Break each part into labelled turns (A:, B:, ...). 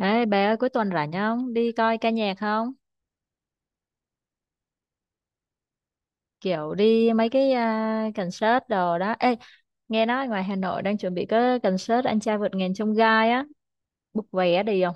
A: Đấy, bé ơi cuối tuần rảnh không? Đi coi ca nhạc không? Kiểu đi mấy cái concert đồ đó. Ê, nghe nói ngoài Hà Nội đang chuẩn bị cái concert Anh trai vượt ngàn chông gai á. Book vé đi không?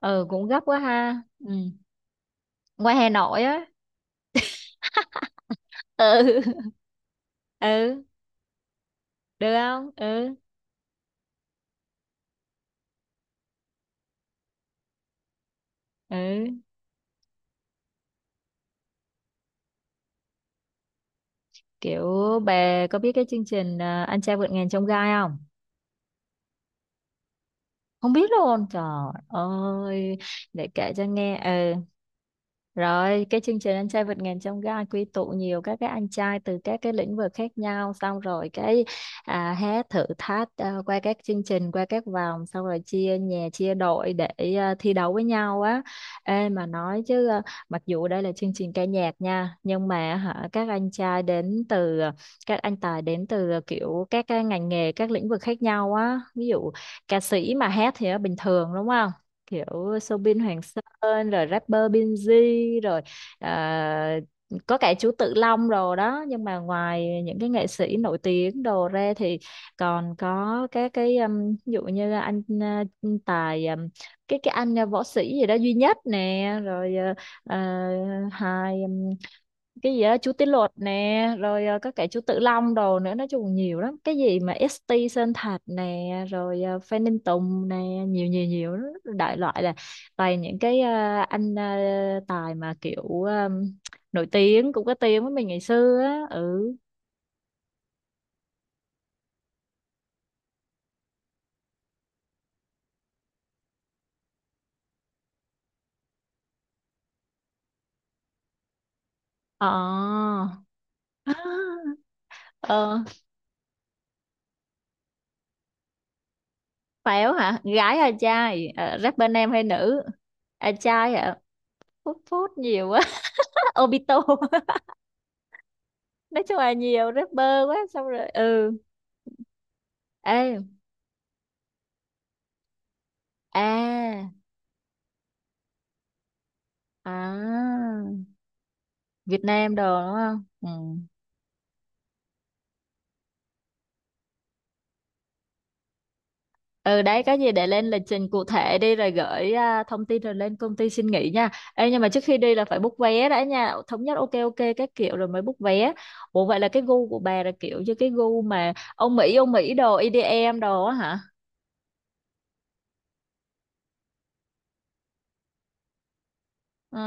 A: Ừ, cũng gấp quá ha. Ừ. Ngoài Hà Nội á. Ừ. Ừ, được không? Ừ. Ừ. Kiểu bà có biết cái chương trình Anh trai vượt ngàn chông gai không? Không biết luôn. Trời ơi, để kể cho nghe. Ừ. Rồi, cái chương trình Anh trai vượt ngàn chông gai quy tụ nhiều các cái anh trai từ các cái lĩnh vực khác nhau, xong rồi cái hát thử thách qua các chương trình, qua các vòng, xong rồi chia nhà, chia đội để thi đấu với nhau á. Ê mà nói chứ mặc dù đây là chương trình ca nhạc nha, nhưng mà hả các anh tài đến từ kiểu các cái ngành nghề, các lĩnh vực khác nhau á. Ví dụ ca sĩ mà hát thì nó bình thường đúng không? Kiểu Soobin Hoàng Sơn rồi rapper Binz rồi à, có cả chú Tự Long rồi đó, nhưng mà ngoài những cái nghệ sĩ nổi tiếng đồ ra thì còn có các cái ví dụ như là anh Tài cái anh võ sĩ gì đó duy nhất nè rồi ờ, hai cái gì đó chú Tí Luật nè rồi có cả chú Tử Long đồ nữa, nói chung nhiều lắm cái gì mà ST Sơn Thạch nè rồi Phan Đình Tùng nè nhiều nhiều nhiều lắm. Đại loại là toàn những cái anh tài mà kiểu nổi tiếng cũng có tiếng với mình ngày xưa á. Ừ. Ờ. Ờ, Pháo hả, gái hay trai? Ờ, rapper nam hay nữ? À, trai hả? Phút phút nhiều quá. Obito. Nói chung là nhiều rapper quá, xong rồi ừ. Ê. À, à, Việt Nam đồ đúng không? Ừ. Ừ đấy, có gì để lên lịch trình cụ thể đi rồi gửi thông tin, rồi lên công ty xin nghỉ nha. Ê, nhưng mà trước khi đi là phải book vé đã nha, thống nhất ok ok các kiểu rồi mới book vé. Ủa vậy là cái gu của bà là kiểu như cái gu mà ông Mỹ đồ EDM đồ á hả? Ừ.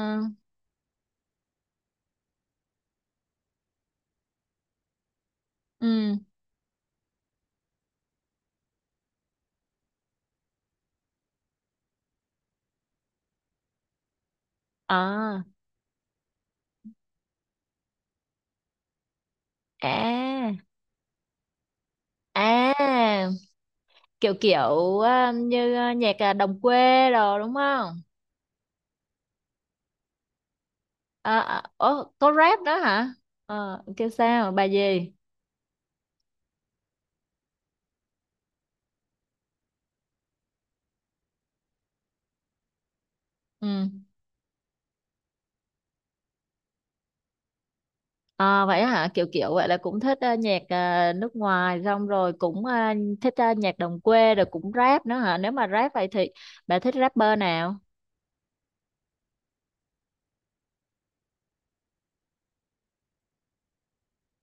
A: Ừ. À. À. À. Kiểu kiểu như nhạc đồng quê đồ đúng không? Ồ, có rap đó hả? Ờ, kêu sao bài gì? Ừ. Vậy hả? Kiểu kiểu vậy là cũng thích nhạc nước ngoài, xong rồi cũng thích nhạc đồng quê rồi cũng rap nữa hả? Nếu mà rap vậy thì bà thích rapper nào?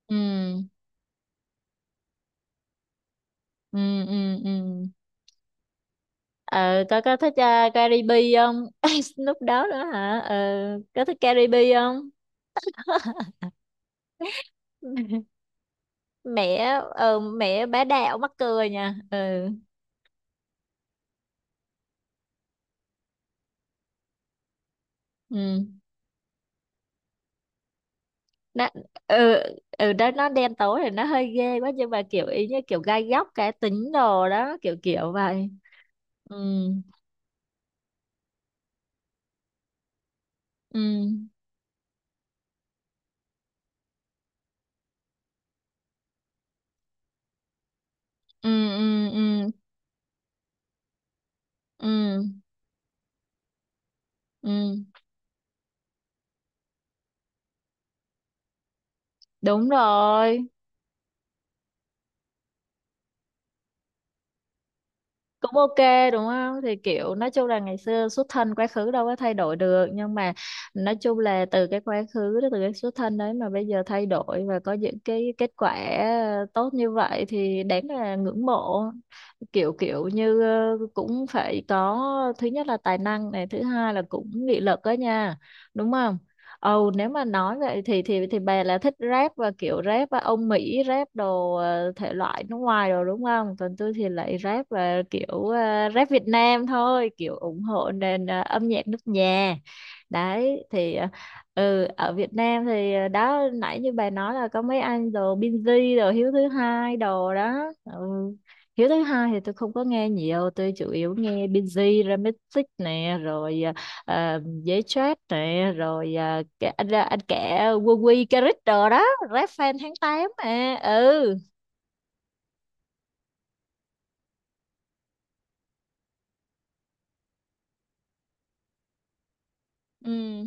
A: Ừ. Ừ. Ừ. Ừ. Ờ, có thích Cardi B không? Snoop đó nữa hả? Ờ, có thích Cardi B không? Mẹ mẹ bá đạo mắc cười nha. Ừ. Ừ. Nó. Ừ. Ừ, đó, nó đen tối thì nó hơi ghê quá, nhưng mà kiểu ý như kiểu gai góc cá tính đồ đó, kiểu kiểu vậy. Ừ. Ừ. Ừ. Ừ. Ừ. Ừ, ừ. Ừ, đúng rồi, cũng ok đúng không? Thì kiểu nói chung là ngày xưa xuất thân quá khứ đâu có thay đổi được, nhưng mà nói chung là từ cái quá khứ đó, từ cái xuất thân đấy mà bây giờ thay đổi và có những cái kết quả tốt như vậy thì đáng là ngưỡng mộ. Kiểu kiểu như cũng phải có, thứ nhất là tài năng này, thứ hai là cũng nghị lực đó nha, đúng không? Ồ, nếu mà nói vậy thì bà là thích rap và kiểu rap và ông Mỹ rap đồ thể loại nước ngoài rồi đúng không? Còn tôi thì lại rap và kiểu rap Việt Nam thôi, kiểu ủng hộ nền âm nhạc nước nhà. Đấy thì ờ, ừ. Ở Việt Nam thì đó nãy như bà nói là có mấy anh đồ Binz đồ Hiếu thứ hai đồ đó. Ừ. Hiếu thứ hai thì tôi không có nghe nhiều, tôi chủ yếu nghe Binz, Remixix nè, rồi dễ stress nè rồi anh kể quân quy Caric đồ đó, rap fan tháng tám mà. Ừ. Ừ.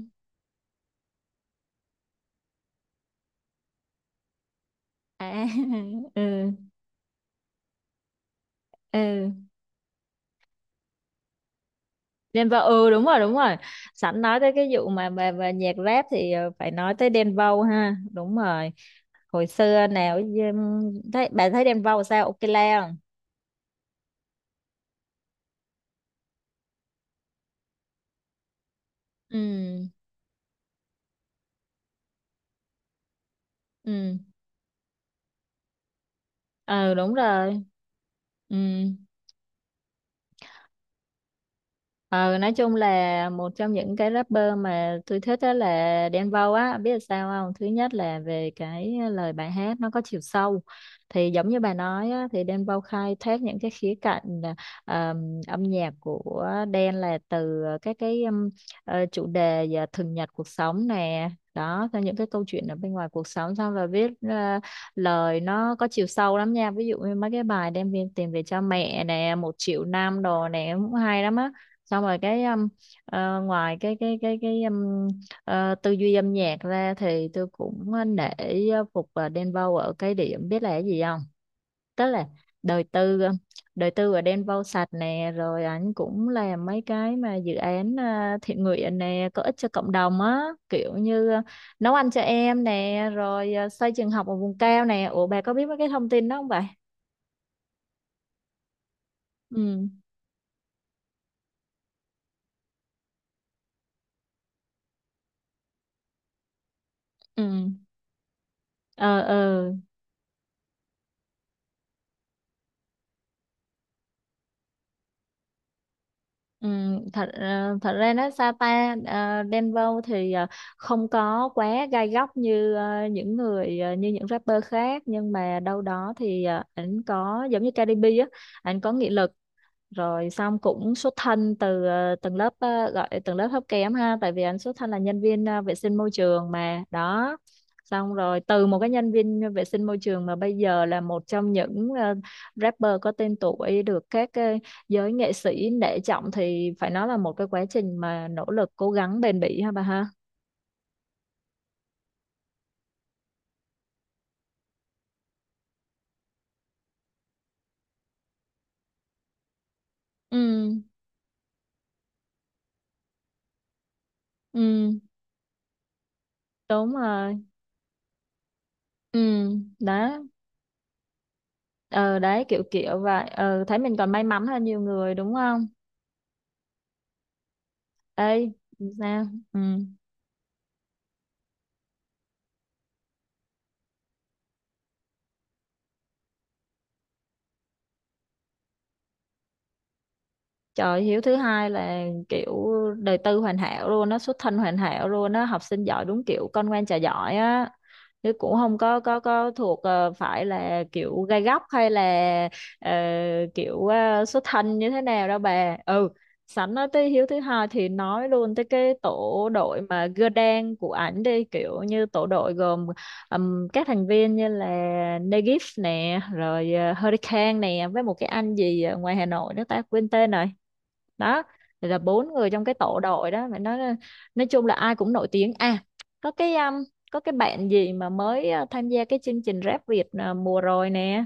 A: À. Ừ. Ừ Denver. Ừ, đúng rồi, đúng rồi. Sẵn nói tới cái vụ mà nhạc rap thì phải nói tới Denver ha, đúng rồi. Hồi xưa nào thấy Denver sao, ok la không? Ừ. Ừ. Ờ đúng rồi. Ừ. Ờ, nói chung là một trong những cái rapper mà tôi thích đó là Đen Vâu á, biết là sao không? Thứ nhất là về cái lời bài hát nó có chiều sâu. Thì giống như bà nói á, thì Đen Vâu khai thác những cái khía cạnh âm nhạc của Đen là từ các cái chủ đề và thường nhật cuộc sống nè. Đó, theo những cái câu chuyện ở bên ngoài cuộc sống, xong rồi viết lời nó có chiều sâu lắm nha. Ví dụ như mấy cái bài đem viên tiền về cho mẹ nè, một triệu năm đồ nè cũng hay lắm á. Xong rồi cái ngoài cái tư duy âm nhạc ra thì tôi cũng nể phục Đen Vâu ở cái điểm, biết là cái gì không? Tức là đời tư đời tư ở Đen Vâu sạch nè, rồi ảnh cũng làm mấy cái mà dự án thiện nguyện nè, có ích cho cộng đồng á, kiểu như nấu ăn cho em nè, rồi xây trường học ở vùng cao nè. Ủa bà có biết mấy cái thông tin đó không vậy? Ừ. Ừ. Ờ. Ờ. Ừ, thật thật ra nó Sapa Denver thì không có quá gai góc như những người như những rapper khác, nhưng mà đâu đó thì ảnh có giống như Cardi B á, ảnh có nghị lực, rồi xong cũng xuất thân từ tầng lớp gọi tầng lớp thấp kém ha, tại vì anh xuất thân là nhân viên vệ sinh môi trường mà đó. Xong rồi từ một cái nhân viên vệ sinh môi trường mà bây giờ là một trong những rapper có tên tuổi, được các giới nghệ sĩ nể trọng thì phải nói là một cái quá trình mà nỗ lực cố gắng bền bỉ ha bà ha. Ừ. Ừ, đúng rồi. Ừ, đó. Ờ đấy, kiểu kiểu vậy, ờ thấy mình còn may mắn hơn nhiều người đúng không? Ê, sao? Ừ. Trời, Hiếu thứ hai là kiểu đời tư hoàn hảo luôn á, xuất thân hoàn hảo luôn á, học sinh giỏi đúng kiểu con ngoan trò giỏi á. Chứ cũng không có thuộc phải là kiểu gai góc hay là ờ, kiểu xuất thân như thế nào đâu bà. Ừ, sẵn nói tới Hiếu thứ hai thì nói luôn tới cái tổ đội mà gơ đen của ảnh đi, kiểu như tổ đội gồm các thành viên như là Negif nè, rồi Hurricane nè, với một cái anh gì ở ngoài Hà Nội nữa ta quên tên rồi. Đó thì là bốn người trong cái tổ đội đó mà nói chung là ai cũng nổi tiếng à. Có cái có cái bạn gì mà mới tham gia cái chương trình Rap Việt mùa rồi nè,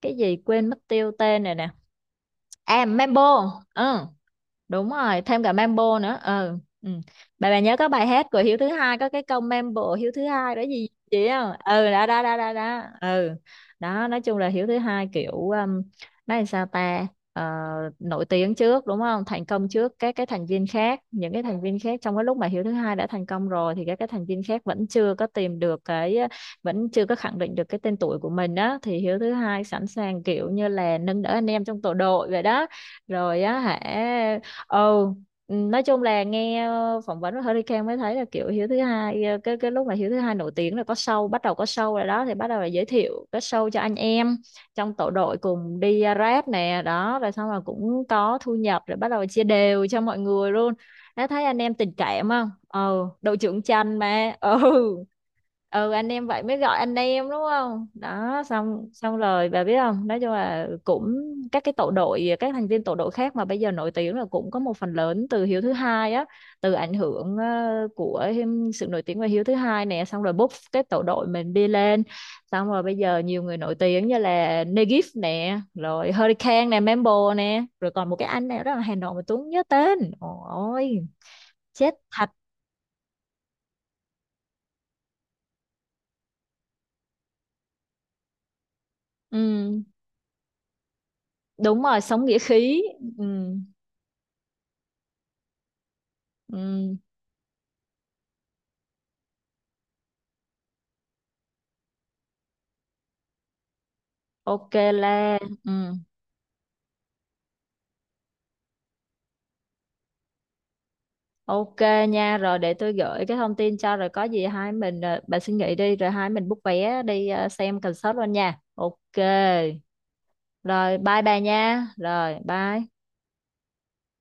A: cái gì quên mất tiêu tên này nè. À, Mambo. Ừ đúng rồi, thêm cả mambo nữa, ờ. Ừ. bà nhớ có bài hát của Hiếu thứ hai có cái câu mambo Hiếu thứ hai đó gì chị không? Ừ đó đó đó đó đó. Ừ, đó nói chung là Hiếu thứ hai kiểu nói làm sao ta? Ờ, nổi tiếng trước đúng không? Thành công trước các cái thành viên khác, những cái thành viên khác trong cái lúc mà Hiếu thứ hai đã thành công rồi thì các cái thành viên khác vẫn chưa có khẳng định được cái tên tuổi của mình. Đó thì Hiếu thứ hai sẵn sàng kiểu như là nâng đỡ anh em trong tổ đội vậy đó, rồi á hả. Ừ. Ừ, nói chung là nghe phỏng vấn của Hurricane mới thấy là kiểu Hiếu thứ hai cái lúc mà Hiếu thứ hai nổi tiếng là có show, bắt đầu có show rồi đó thì bắt đầu là giới thiệu cái show cho anh em trong tổ đội cùng đi rap nè đó, rồi xong rồi cũng có thu nhập rồi bắt đầu chia đều cho mọi người luôn. Đã thấy anh em tình cảm không, ừ đội trưởng Chanh mà. Ừ. Ừ, anh em vậy mới gọi anh em đúng không? Đó, xong xong rồi bà biết không, nói chung là cũng các cái tổ đội, các thành viên tổ đội khác mà bây giờ nổi tiếng là cũng có một phần lớn từ Hiếu thứ hai á, từ ảnh hưởng của sự nổi tiếng của Hiếu thứ hai nè, xong rồi bốc cái tổ đội mình đi lên, xong rồi bây giờ nhiều người nổi tiếng như là Negif nè, rồi Hurricane nè, Mambo nè, rồi còn một cái anh này rất là Hà Nội mà Tuấn không nhớ tên ôi, chết thật. Ừ, đúng rồi, sống nghĩa khí. Ừ. Ừ, ok La. Ừ, ok nha. Rồi để tôi gửi cái thông tin cho, rồi có gì hai mình bà suy nghĩ đi rồi hai mình book vé đi xem concert luôn nha. Ok rồi, bye bà nha, rồi bye.